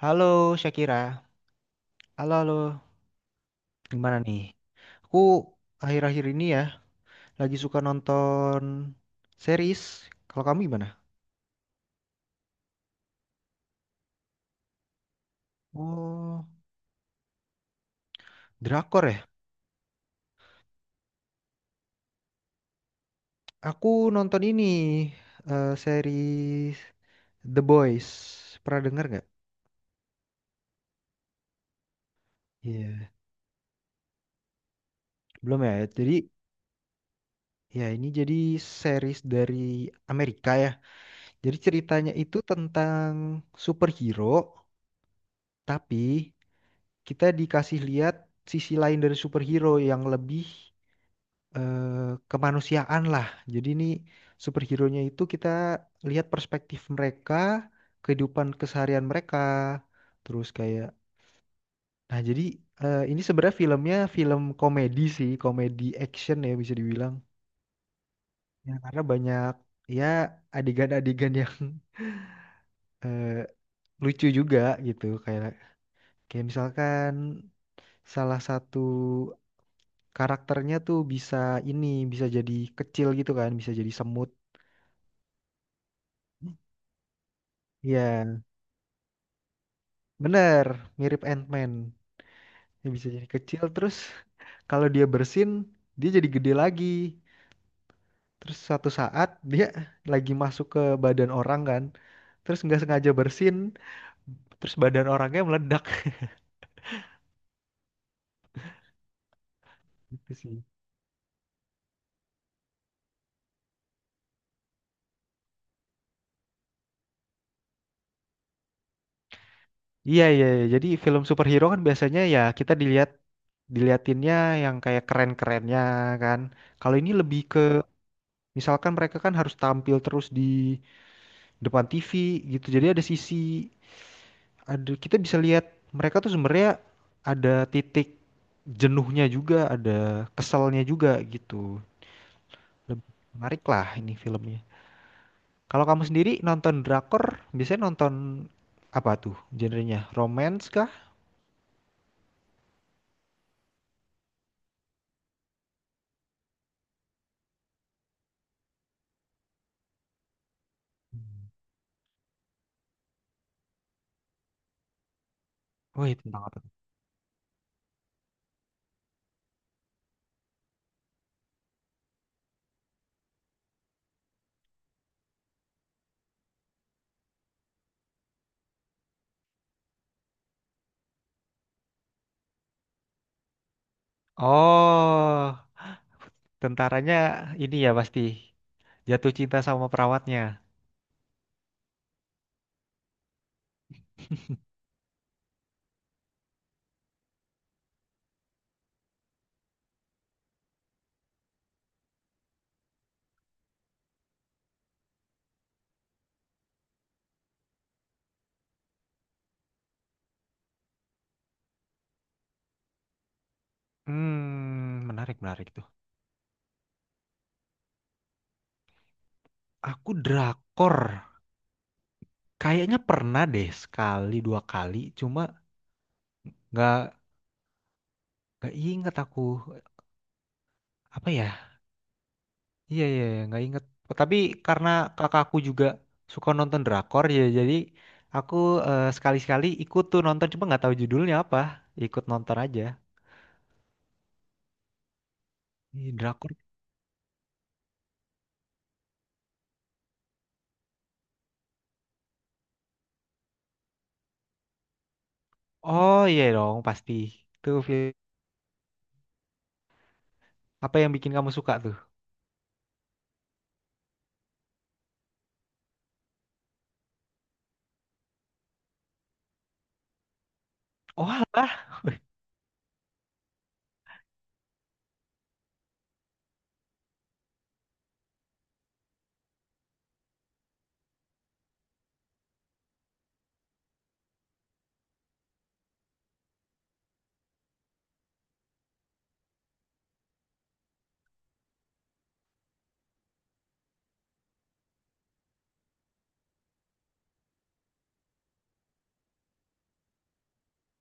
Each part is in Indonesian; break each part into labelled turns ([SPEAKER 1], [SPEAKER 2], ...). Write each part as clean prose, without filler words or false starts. [SPEAKER 1] Halo Syakira, halo halo, gimana nih? Aku akhir-akhir ini ya lagi suka nonton series. Kalau kamu gimana? Oh, drakor ya? Aku nonton ini series The Boys. Pernah denger nggak? Iya, belum ya. Jadi ya ini jadi series dari Amerika ya. Jadi ceritanya itu tentang superhero, tapi kita dikasih lihat sisi lain dari superhero yang lebih eh, kemanusiaan lah. Jadi ini superhero-nya itu kita lihat perspektif mereka, kehidupan keseharian mereka, terus kayak nah jadi ini sebenarnya filmnya film komedi sih, komedi action ya bisa dibilang. Ya, karena banyak ya adegan-adegan yang eh, lucu juga gitu kayak kayak misalkan salah satu karakternya tuh bisa ini bisa jadi kecil gitu kan, bisa jadi semut. Iya. Bener, mirip Ant-Man. Dia bisa jadi kecil terus kalau dia bersin dia jadi gede lagi. Terus suatu saat dia lagi masuk ke badan orang kan. Terus nggak sengaja bersin, terus badan orangnya meledak gitu sih. Iya iya, iya. Jadi film superhero kan biasanya ya kita dilihat diliatinnya yang kayak keren-kerennya kan. Kalau ini lebih ke misalkan mereka kan harus tampil terus di depan TV gitu. Jadi ada sisi ada kita bisa lihat mereka tuh sebenarnya ada titik jenuhnya juga, ada keselnya juga gitu. Lebih menarik lah ini filmnya. Kalau kamu sendiri nonton drakor, biasanya nonton apa tuh genrenya? Romance kah? Wih, tentang apa tuh? Oh, tentaranya ini ya pasti jatuh cinta sama perawatnya. Hmm, menarik menarik tuh. Aku drakor, kayaknya pernah deh sekali dua kali, cuma nggak gak inget aku apa ya? Iya iya iya, nggak inget. Tapi karena kakakku juga suka nonton drakor ya, jadi aku sekali-sekali ikut tuh nonton, cuma nggak tahu judulnya apa. Ikut nonton aja. Ih, drakor. Oh iya dong pasti. Tuh film apa yang bikin kamu suka tuh? Oh alah.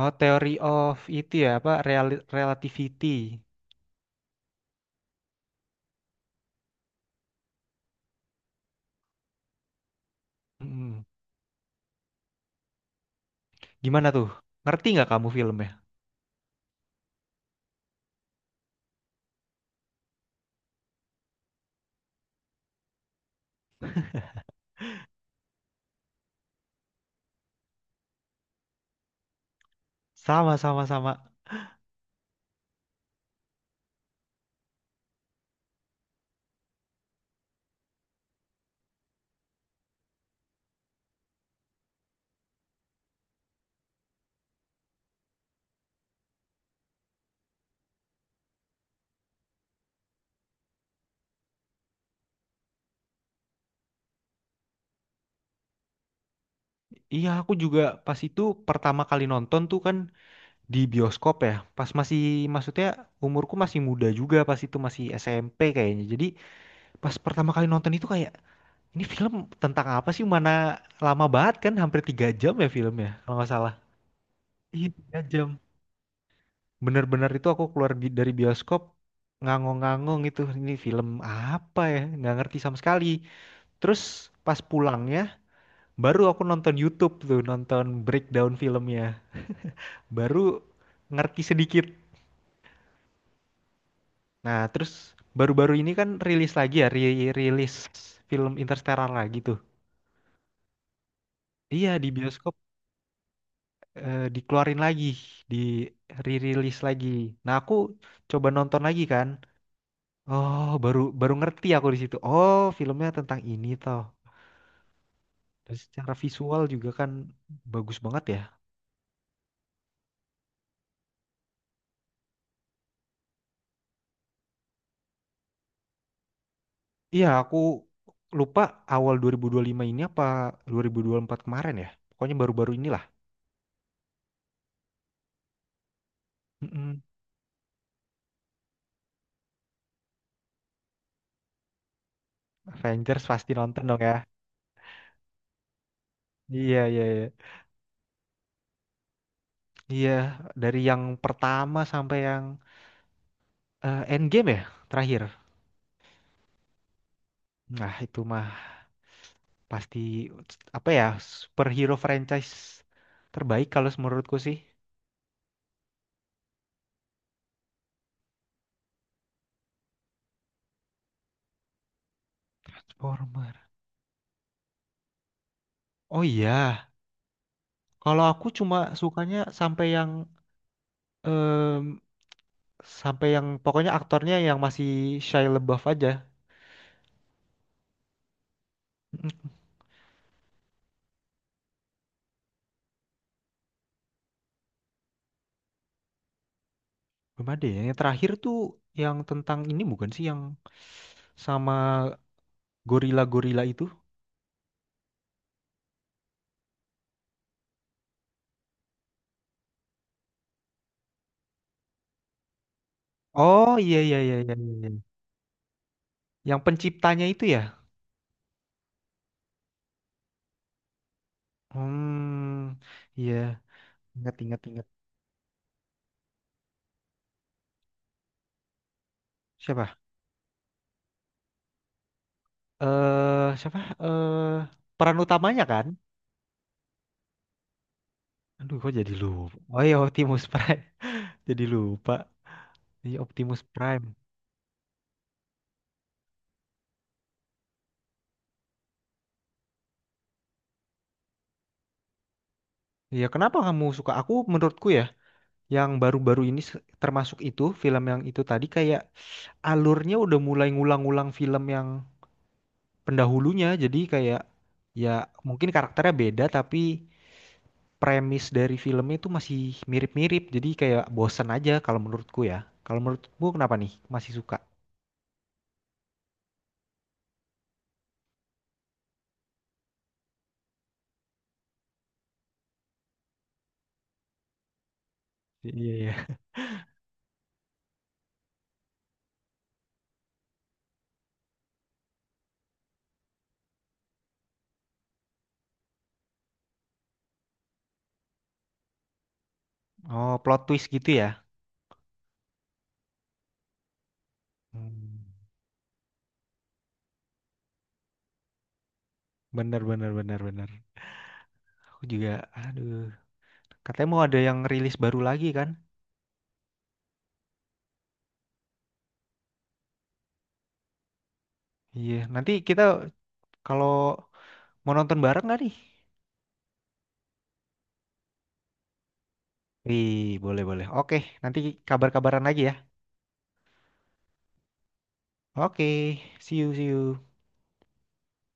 [SPEAKER 1] Oh Theory of itu ya apa Relativity. Mm-mm. Gimana tuh? Ngerti nggak kamu filmnya? Sama sama sama. Iya aku juga pas itu pertama kali nonton tuh kan. Di bioskop ya, pas masih maksudnya umurku masih muda juga pas itu masih SMP kayaknya. Jadi pas pertama kali nonton itu kayak ini film tentang apa sih? Mana lama banget kan? Hampir tiga jam ya filmnya kalau nggak salah. Iya, tiga jam. Bener-bener itu aku keluar dari bioskop ngangong-ngangong itu ini film apa ya? Nggak ngerti sama sekali. Terus pas pulangnya baru aku nonton YouTube tuh nonton breakdown filmnya. Baru ngerti sedikit. Nah, terus baru-baru ini kan rilis lagi ya, rilis film Interstellar lagi tuh. Iya, di bioskop dikeluarin lagi, di re-release lagi. Nah, aku coba nonton lagi kan. Oh, baru baru ngerti aku di situ. Oh, filmnya tentang ini toh. Dan secara visual juga kan bagus banget ya. Iya, aku lupa awal 2025 ini apa 2024 kemarin ya. Pokoknya baru-baru inilah. Mm-mm. Avengers pasti nonton dong ya. Iya, iya, iya. Iya, dari yang pertama sampai yang Endgame ya terakhir. Nah, itu mah pasti apa ya superhero franchise terbaik kalau menurutku sih. Transformer. Oh iya, kalau aku cuma sukanya sampai yang em, sampai yang pokoknya aktornya yang masih Shia LaBeouf aja. Mm, belum ada ya. Yang terakhir tuh yang tentang ini bukan sih yang sama gorila-gorila itu? Oh iya iya iya iya, iya, iya. Yang penciptanya itu ya? Hmm, iya, ingat ingat ingat. Siapa? Eh, siapa? Eh, peran utamanya kan? Aduh, kok jadi lupa. Oh iya, Optimus Prime. Jadi lupa. Iya, Optimus Prime. Iya, kenapa kamu suka? Aku menurutku ya, yang baru-baru ini termasuk itu film yang itu tadi kayak alurnya udah mulai ngulang-ngulang film yang pendahulunya. Jadi kayak ya mungkin karakternya beda tapi premis dari filmnya itu masih mirip-mirip. Jadi kayak bosen aja kalau menurutku ya. Kalau menurutmu kenapa nih? Masih suka? Iya, iya. Oh, plot twist gitu ya? Hmm. Bener, bener, bener, bener. Aku juga, aduh. Katanya mau ada yang rilis baru lagi kan? Iya, nanti kita kalau mau nonton bareng nggak nih? Wih, boleh, boleh. Oke, nanti kabar-kabaran lagi ya. Oke, see you, see you.